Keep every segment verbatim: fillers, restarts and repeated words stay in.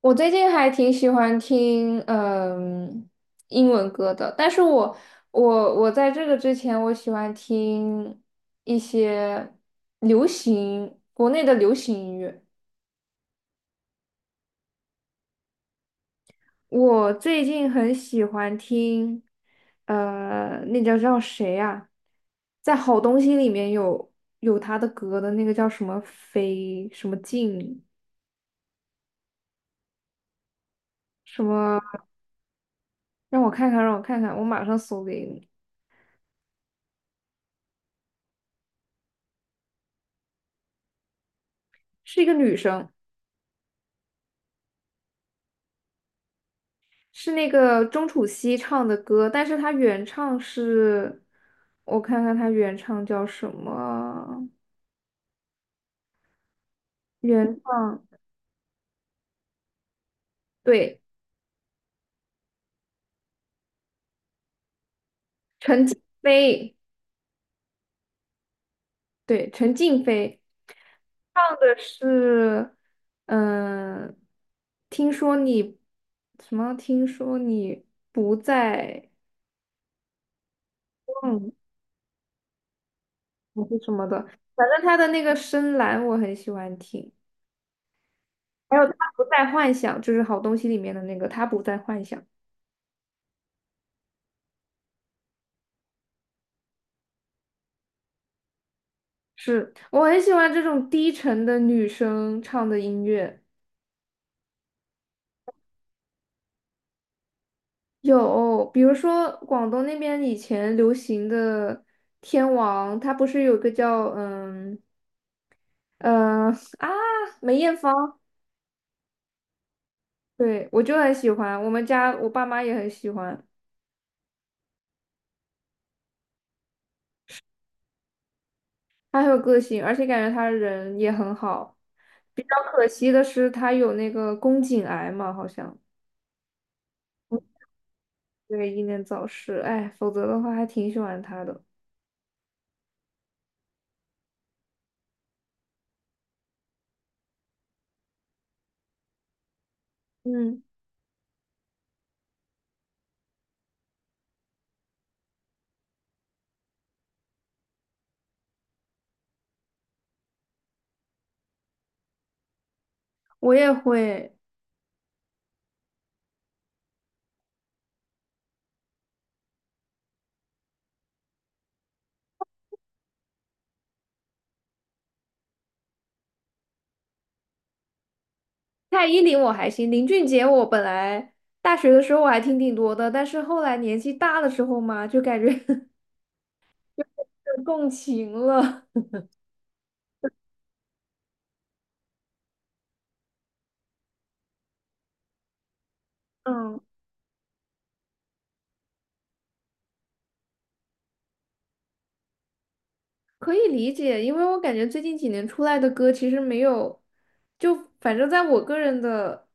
我最近还挺喜欢听嗯英文歌的，但是我我我在这个之前，我喜欢听一些流行国内的流行音乐。我最近很喜欢听，呃，那叫叫谁呀，在好东西里面有有他的歌的那个叫什么飞什么静什么，让我看看，让我看看，我马上搜给你，是一个女生。是那个钟楚曦唱的歌，但是她原唱是，我看看她原唱叫什么？原唱，对，飞，对，陈静飞唱的是，嗯、听说你什么？听说你不在，嗯，还是什么的，反正她的那个深蓝我很喜欢听，还有她不再幻想，就是好东西里面的那个她不再幻想。是，我很喜欢这种低沉的女生唱的音乐。有，比如说广东那边以前流行的天王，他不是有个叫嗯嗯、呃啊梅艳芳，对我就很喜欢，我们家我爸妈也很喜欢，她很有个性，而且感觉她人也很好。比较可惜的是，她有那个宫颈癌嘛，好像对，英年早逝，哎，否则的话还挺喜欢她的。嗯，我也会。蔡依林我还行，林俊杰我本来大学的时候我还听挺多的，但是后来年纪大的时候嘛，就感觉 有共情了。嗯，可以理解，因为我感觉最近几年出来的歌其实没有，就反正在我个人的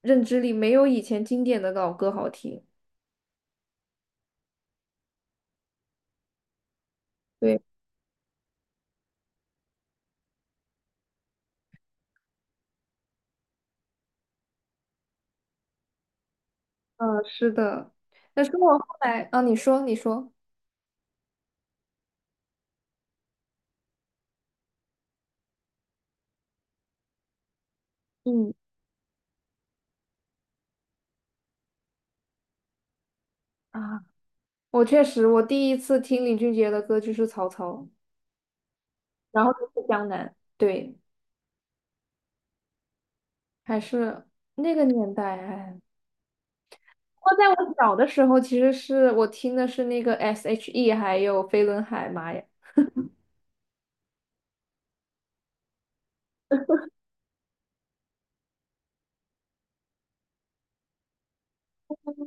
认知里，没有以前经典的老歌好听。对，嗯，是的。但是我后来，啊，你说，你说。嗯啊，我确实，我第一次听林俊杰的歌就是《曹操》，然后就是《江南》。对，还是那个年代哎。不过在我小的时候，其实是我听的是那个 S H E,还有飞轮海妈嘛。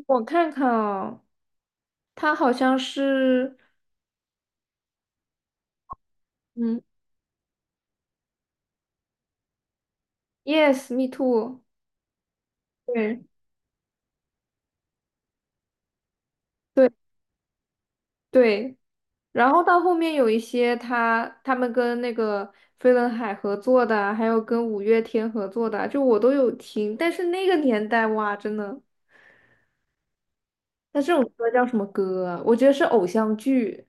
我看看啊，他好像是，嗯，Yes, Me Too,对对对。然后到后面有一些他他们跟那个飞轮海合作的啊，还有跟五月天合作的啊，就我都有听。但是那个年代哇，真的，那这种歌叫什么歌啊？我觉得是偶像剧。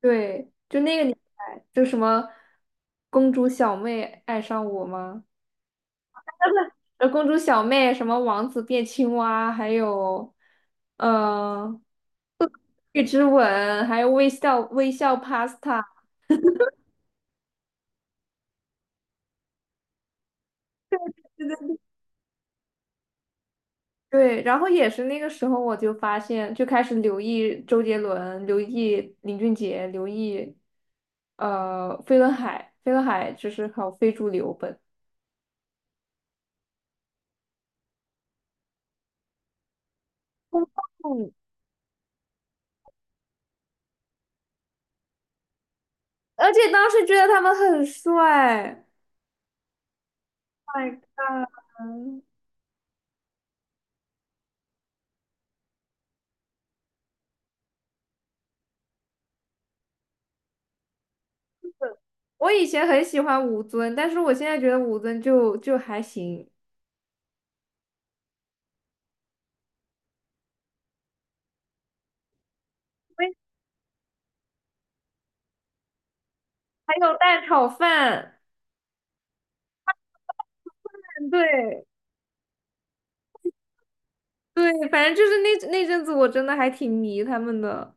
对，就那个年代，就什么公主小妹爱上我吗？呃，公主小妹什么王子变青蛙，还有呃月之吻，还有微笑微笑 pasta。对对对，然后也是那个时候，我就发现，就开始留意周杰伦、留意林俊杰、留意呃飞轮海。飞轮海就是好非主流本，嗯而且当时觉得他们很帅。My God!我以前很喜欢吴尊，但是我现在觉得吴尊就就还行。喂还有蛋炒饭，对对，反正就是那那阵子我真的还挺迷他们的，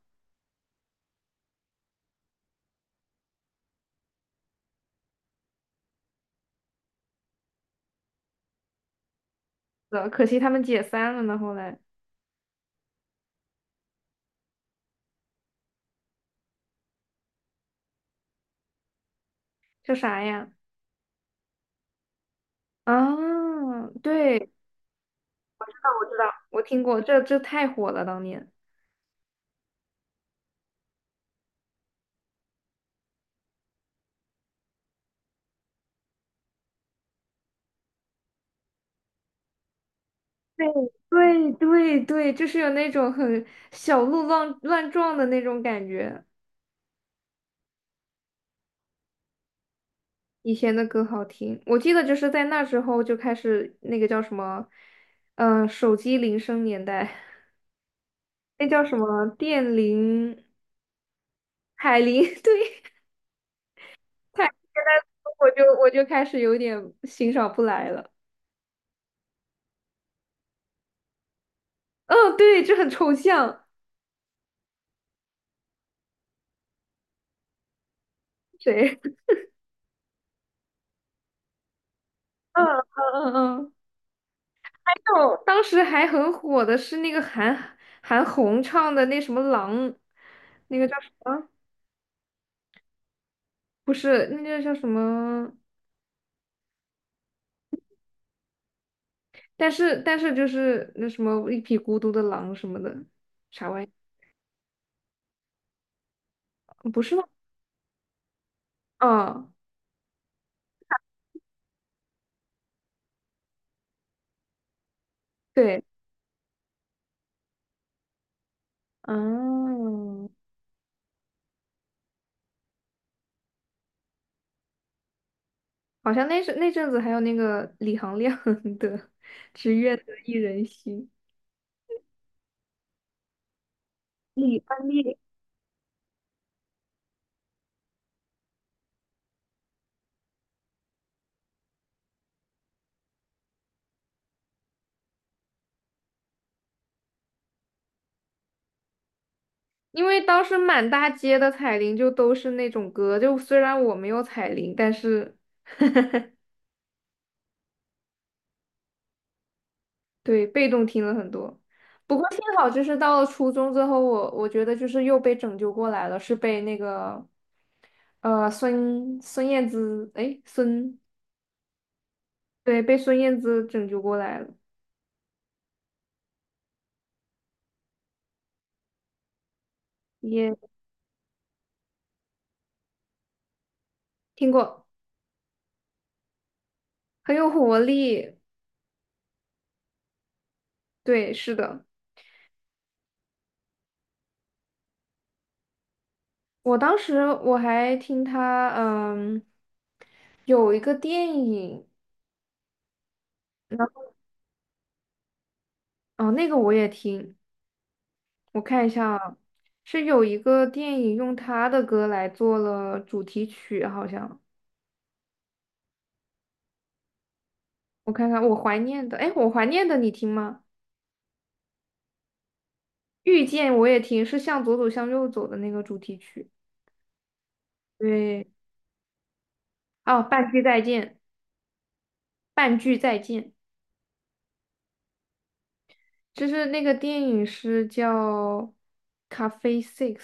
的，可惜他们解散了呢。后来叫啥呀？啊，对，那我知道，我听过，这这太火了，当年。对对对对，就是有那种很小鹿乱乱撞的那种感觉。以前的歌好听，我记得就是在那时候就开始那个叫什么，嗯、手机铃声年代，那叫什么电铃、海铃，对，我就我就开始有点欣赏不来了。嗯、对，就很抽象。谁？嗯嗯嗯嗯，就当时还很火的是那个韩韩红唱的那什么狼，那个叫什么？不是，那个叫什么？但是但是就是那什么一匹孤独的狼什么的，啥玩意？不是吗？嗯，对，嗯，好像那是那阵子还有那个李行亮 的《只愿得一人心》，李安利。因为当时满大街的彩铃就都是那种歌，就虽然我没有彩铃，但是对，被动听了很多。不过幸好，就是到了初中之后，我我觉得就是又被拯救过来了，是被那个呃孙孙燕姿，哎，孙，对，被孙燕姿拯救过来了，也听过，很有活力。对，是的，我当时我还听他，嗯，有一个电影，那哦，那个我也听，我看一下啊，是有一个电影用他的歌来做了主题曲，好像我看看，我怀念的，哎，我怀念的你听吗？遇见我也听，是向左走向右走的那个主题曲。对，哦，半句再见，半句再见，就是那个电影是叫《咖啡 Six》,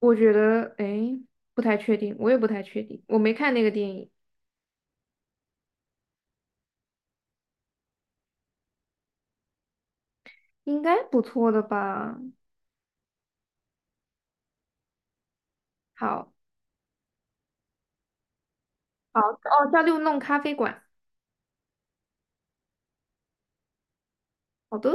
我觉得，哎，不太确定，我也不太确定，我没看那个电影，应该不错的吧？好，好，哦，叫六弄咖啡馆，好的。